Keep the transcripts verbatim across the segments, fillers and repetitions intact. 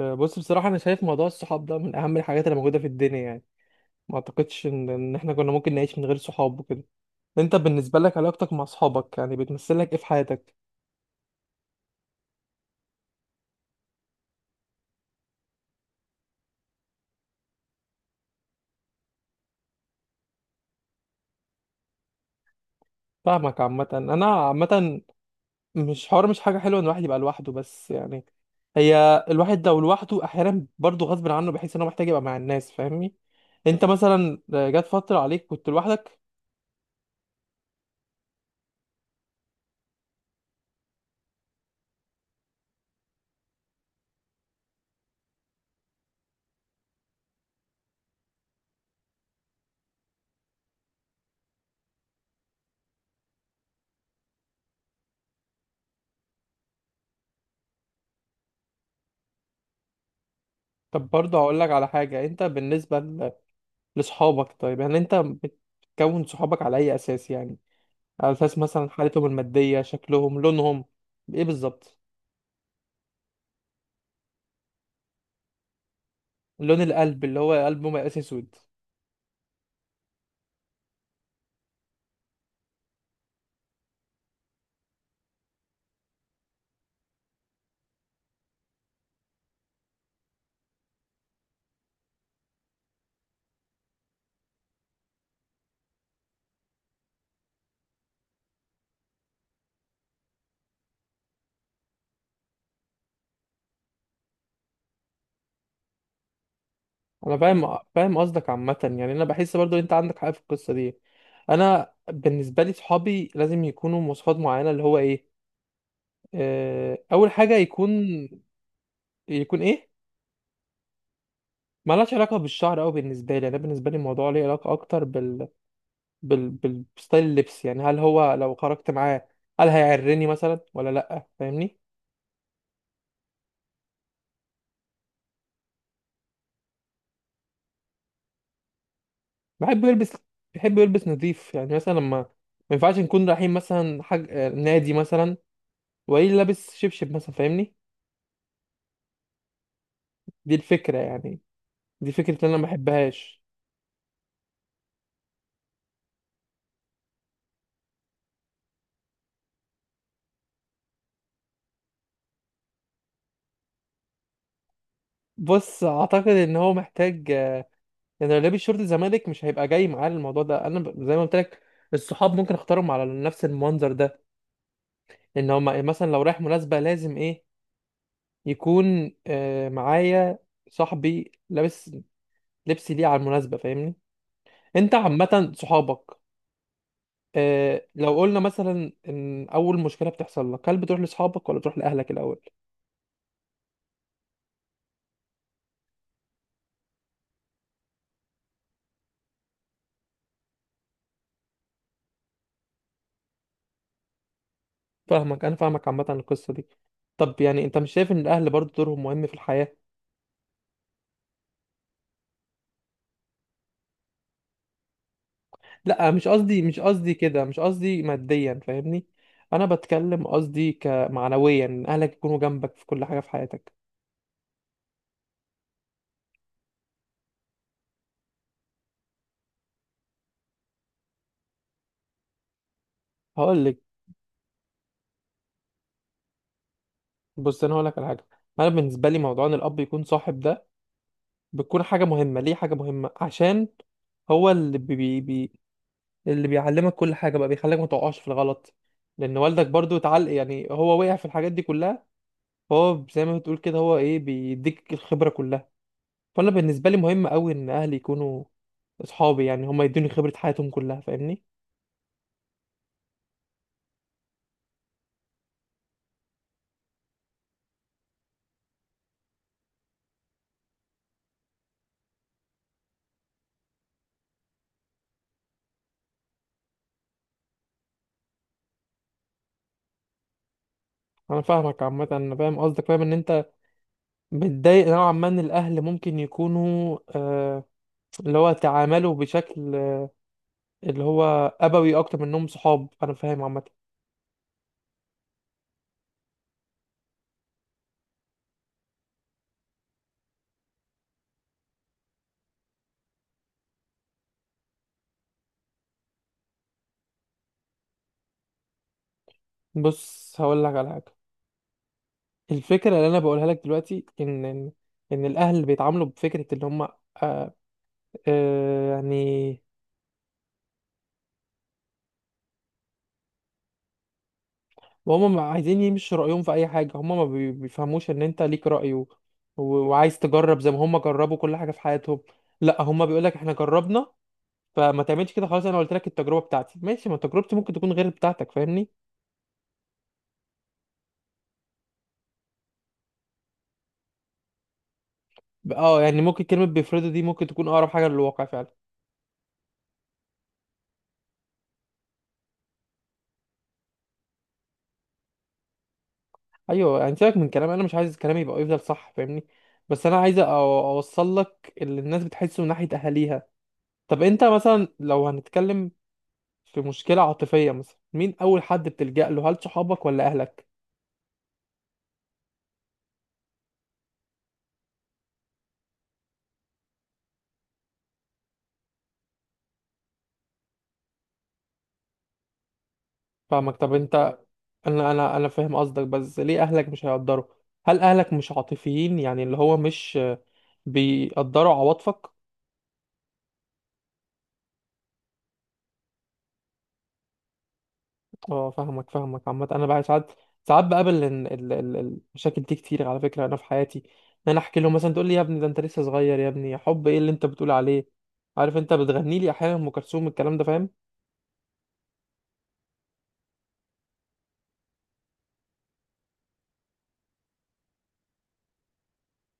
آه، بص بصراحة أنا شايف موضوع الصحاب ده من أهم الحاجات اللي موجودة في الدنيا. يعني ما أعتقدش إن إن إحنا كنا ممكن نعيش من غير صحاب وكده. أنت بالنسبة لك علاقتك مع صحابك يعني بتمثل لك إيه في حياتك؟ فاهمك. عامة أنا عامة مش حوار، مش حاجة حلوة إن الواحد يبقى لوحده، بس يعني هي الواحد لو لوحده أحيانا برضه غصب عنه، بحيث إن هو محتاج يبقى مع الناس، فاهمني؟ أنت مثلا آه، جات فترة عليك كنت لوحدك؟ طب برضه هقول لك على حاجة. أنت بالنسبة ل- لصحابك، طيب يعني أنت بتكون صحابك على أي أساس يعني؟ على اساس مثلا حالتهم الماديه، شكلهم، لونهم، ايه بالظبط؟ لون القلب، اللي هو قلبه مقاس اسود. انا فاهم فاهم قصدك عامه، يعني انا بحس برضو ان انت عندك حق في القصه دي. انا بالنسبه لي صحابي لازم يكونوا مواصفات معينه، اللي هو ايه، آه، اول حاجه يكون. يكون ايه؟ ملهاش علاقه بالشعر أوي بالنسبه لي، انا بالنسبه لي الموضوع ليه علاقه اكتر بال بال بالستايل، اللبس، يعني هل هو لو خرجت معاه هل هيعرني مثلا ولا لا، فاهمني. بحب يلبس بحب يلبس نظيف، يعني مثلا لما ما ينفعش نكون رايحين مثلا حاج... آه، نادي مثلا وقايل لابس شبشب مثلا، فاهمني. دي الفكرة يعني، دي فكرة اللي انا ما بحبهاش. بص اعتقد ان هو محتاج، آه، يعني لو لابس شورت الزمالك مش هيبقى جاي معاه. الموضوع ده انا ب- زي ما قلت لك، الصحاب ممكن اختارهم على نفس المنظر ده. ان هو مثلا لو رايح مناسبة لازم ايه، يكون آه، معايا صاحبي لابس، لبس ليه على المناسبة، فاهمني. انت عامة صحابك، آه، لو قلنا مثلا ان اول مشكله بتحصل لك هل بتروح لاصحابك ولا بتروح لاهلك الاول؟ فاهمك، انا فاهمك عامه القصه دي. طب يعني انت مش شايف ان الاهل برضه دورهم مهم في الحياه؟ لا مش قصدي مش قصدي كده، مش قصدي ماديا، فاهمني. انا بتكلم، قصدي كمعنويا ان اهلك يكونوا جنبك في كل حاجه في حياتك. هقول لك. بص انا هقول لك على حاجه. انا بالنسبه لي موضوع ان الاب يكون صاحب ده، بتكون حاجه مهمه. ليه حاجه مهمه؟ عشان هو اللي بي بي اللي بيعلمك كل حاجه بقى، بيخليك ما تقعش في الغلط. لان والدك برضو اتعلق، يعني هو وقع في الحاجات دي كلها. فهو زي ما بتقول كده، هو ايه، بيديك الخبره كلها. فانا بالنسبه لي مهم قوي ان اهلي يكونوا اصحابي، يعني هم يدوني خبره حياتهم كلها، فاهمني. انا فاهمك عامه، انا فاهم قصدك، فاهم ان انت متضايق نوعا ما ان الاهل ممكن يكونوا آه، اللي هو تعاملوا بشكل، اللي هو ابوي اكتر منهم صحاب، انا فاهم عامه. بص هقول لك على حاجه. الفكرة اللي أنا بقولها لك دلوقتي إن إن إن الأهل بيتعاملوا بفكرة إن هم، آه آه يعني، وهم عايزين يمشوا رأيهم في أي حاجة. هم ما بي- بيفهموش إن أنت ليك رأي و- و- وعايز تجرب زي ما هم جربوا كل حاجة في حياتهم. لا هم بيقولك إحنا جربنا فما تعملش كده، خلاص أنا قلت لك، التجربة بتاعتي ماشي، ما تجربتي ممكن تكون غير بتاعتك، فاهمني. ب- اه يعني ممكن كلمة بيفرضوا دي ممكن تكون أقرب حاجة للواقع فعلا. ايوه يعني سيبك من كلام، انا مش عايز كلامي يبقى يفضل صح، فاهمني. بس انا عايز أو- اوصل لك اللي الناس بتحسه من ناحيه اهاليها. طب انت مثلا لو هنتكلم في مشكله عاطفيه مثلا، مين اول حد بتلجأ له، هل صحابك ولا اهلك؟ فاهمك. طب انت، انا انا انا فاهم قصدك، بس ليه اهلك مش هيقدروا؟ هل اهلك مش عاطفيين، يعني اللي هو مش بيقدروا عواطفك؟ اه فاهمك، فاهمك عامة. انا بقى ساعات ساعات بقابل إن ال- ال- المشاكل دي كتير على فكرة. انا في حياتي ان انا احكي لهم مثلا تقول لي يا ابني ده انت لسه صغير، يا ابني حب ايه اللي انت بتقول عليه، عارف، انت بتغني لي احيانا ام كلثوم الكلام ده، فاهم.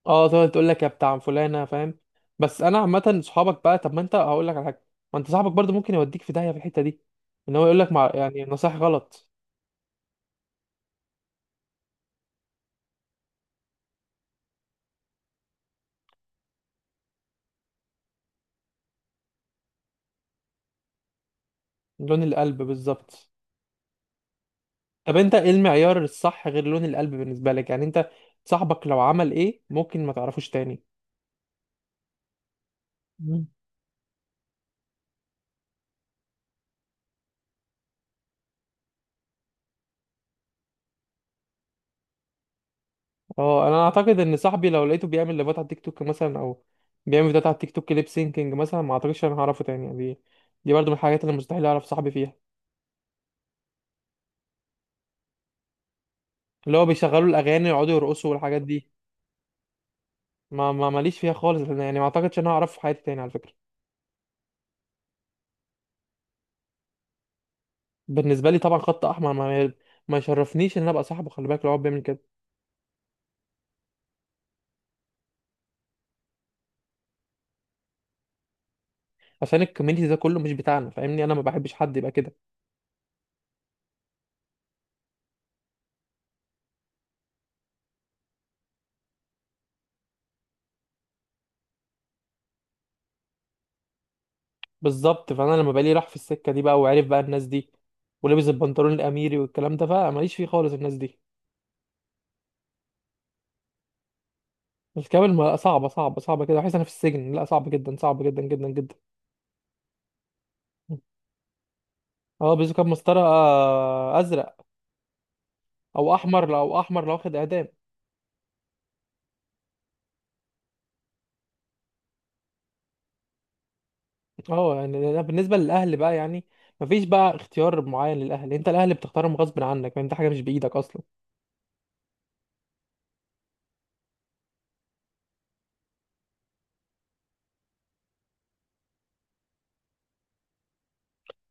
اه تقعد تقول لك يا بتاع فلانة، فاهم. بس انا عامة صحابك بقى، طب ما انت هقول لك على حاجة، ما انت صاحبك برضو ممكن يوديك في داهية في الحتة دي، ان هو يقول لك مع يعني نصايح غلط. لون القلب بالظبط. طب انت ايه المعيار الصح غير لون القلب بالنسبة لك؟ يعني انت صاحبك لو عمل ايه ممكن ما تعرفوش تاني؟ مم. اه انا اعتقد ان صاحبي لو لقيته بيعمل لايفات على التيك توك مثلا، او بيعمل فيديوهات على التيك توك ليب سينكينج مثلا، ما اعتقدش انا هعرفه تاني. يعني دي دي برضه من الحاجات اللي مستحيل اعرف صاحبي فيها، اللي هو بيشغلوا الاغاني ويقعدوا يرقصوا والحاجات دي. ما ما ماليش فيها خالص، لأن يعني ما اعتقدش ان انا هعرفه في حياتي تاني على فكره. بالنسبه لي طبعا خط احمر، ما ما يشرفنيش ان انا ابقى صاحبه، خلي بالك لو هو بيعمل كده. عشان الكوميونتي ده كله مش بتاعنا، فاهمني، انا ما بحبش حد يبقى كده. بالظبط، فانا لما بقى لي راح في السكه دي بقى وعرف بقى الناس دي، ولبس البنطلون الاميري والكلام ده بقى، ماليش فيه خالص الناس دي. الكابل ما- صعبة، صعبة، صعبة كده، بحس انا في السجن، لا صعب جدا، صعب جدا جدا جدا. اه بيزو كان مسطرة، آه، ازرق، او احمر، لو احمر لو واخد اعدام. اه يعني أنا بالنسبة للاهل بقى، يعني مفيش بقى اختيار معين للاهل، انت الاهل بتختارهم غصب عنك، يعني انت حاجة مش بايدك اصلا.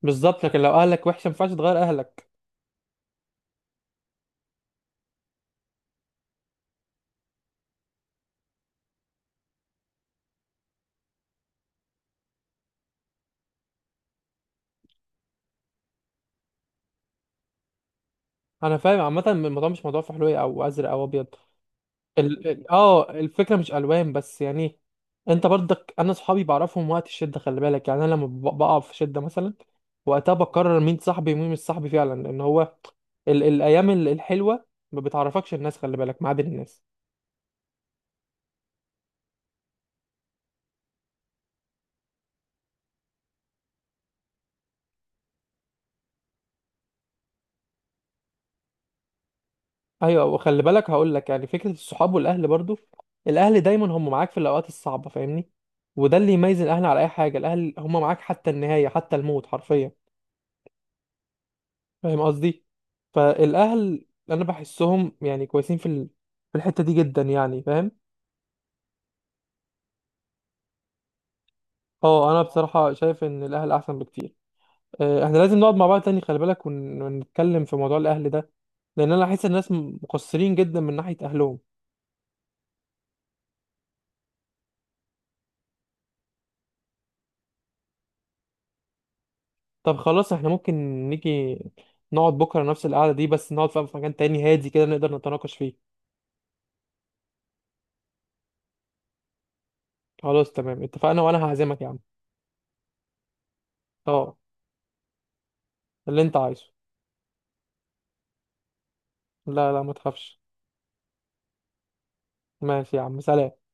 بالظبط، لكن لو اهلك وحشة ما ينفعش تغير اهلك. انا فاهم عامة، الموضوع مش موضوع فحلوية او ازرق او ابيض، ال... ال- اه الفكره مش الوان بس يعني. انت برضك، انا صحابي بعرفهم وقت الشده، خلي بالك، يعني انا لما ب- بقع في شده مثلا وقتها بقرر مين صاحبي ومين مش صاحبي فعلا، لان هو ال... الايام ال- الحلوه ما بتعرفكش الناس، خلي بالك، ما عدا الناس. ايوه، وخلي بالك هقول لك يعني فكره الصحاب والاهل برضو، الاهل دايما هم معاك في الاوقات الصعبه، فاهمني. وده اللي يميز الاهل على اي حاجه، الاهل هم معاك حتى النهايه، حتى الموت حرفيا، فاهم قصدي. فالاهل انا بحسهم يعني كويسين في ال... في الحته دي جدا يعني، فاهم. اه انا بصراحه شايف ان الاهل احسن بكتير. آه، احنا لازم نقعد مع بعض تاني خلي بالك ون... ونتكلم في موضوع الاهل ده، لان انا احس الناس مقصرين جدا من ناحيه اهلهم. طب خلاص، احنا ممكن نيجي نقعد بكره نفس القعده دي، بس نقعد في مكان تاني هادي كده نقدر نتناقش فيه. خلاص تمام اتفقنا، وانا هعزمك يا عم. اه اللي انت عايزه. لا لا ما تخافش. ماشي يا عم، سلام.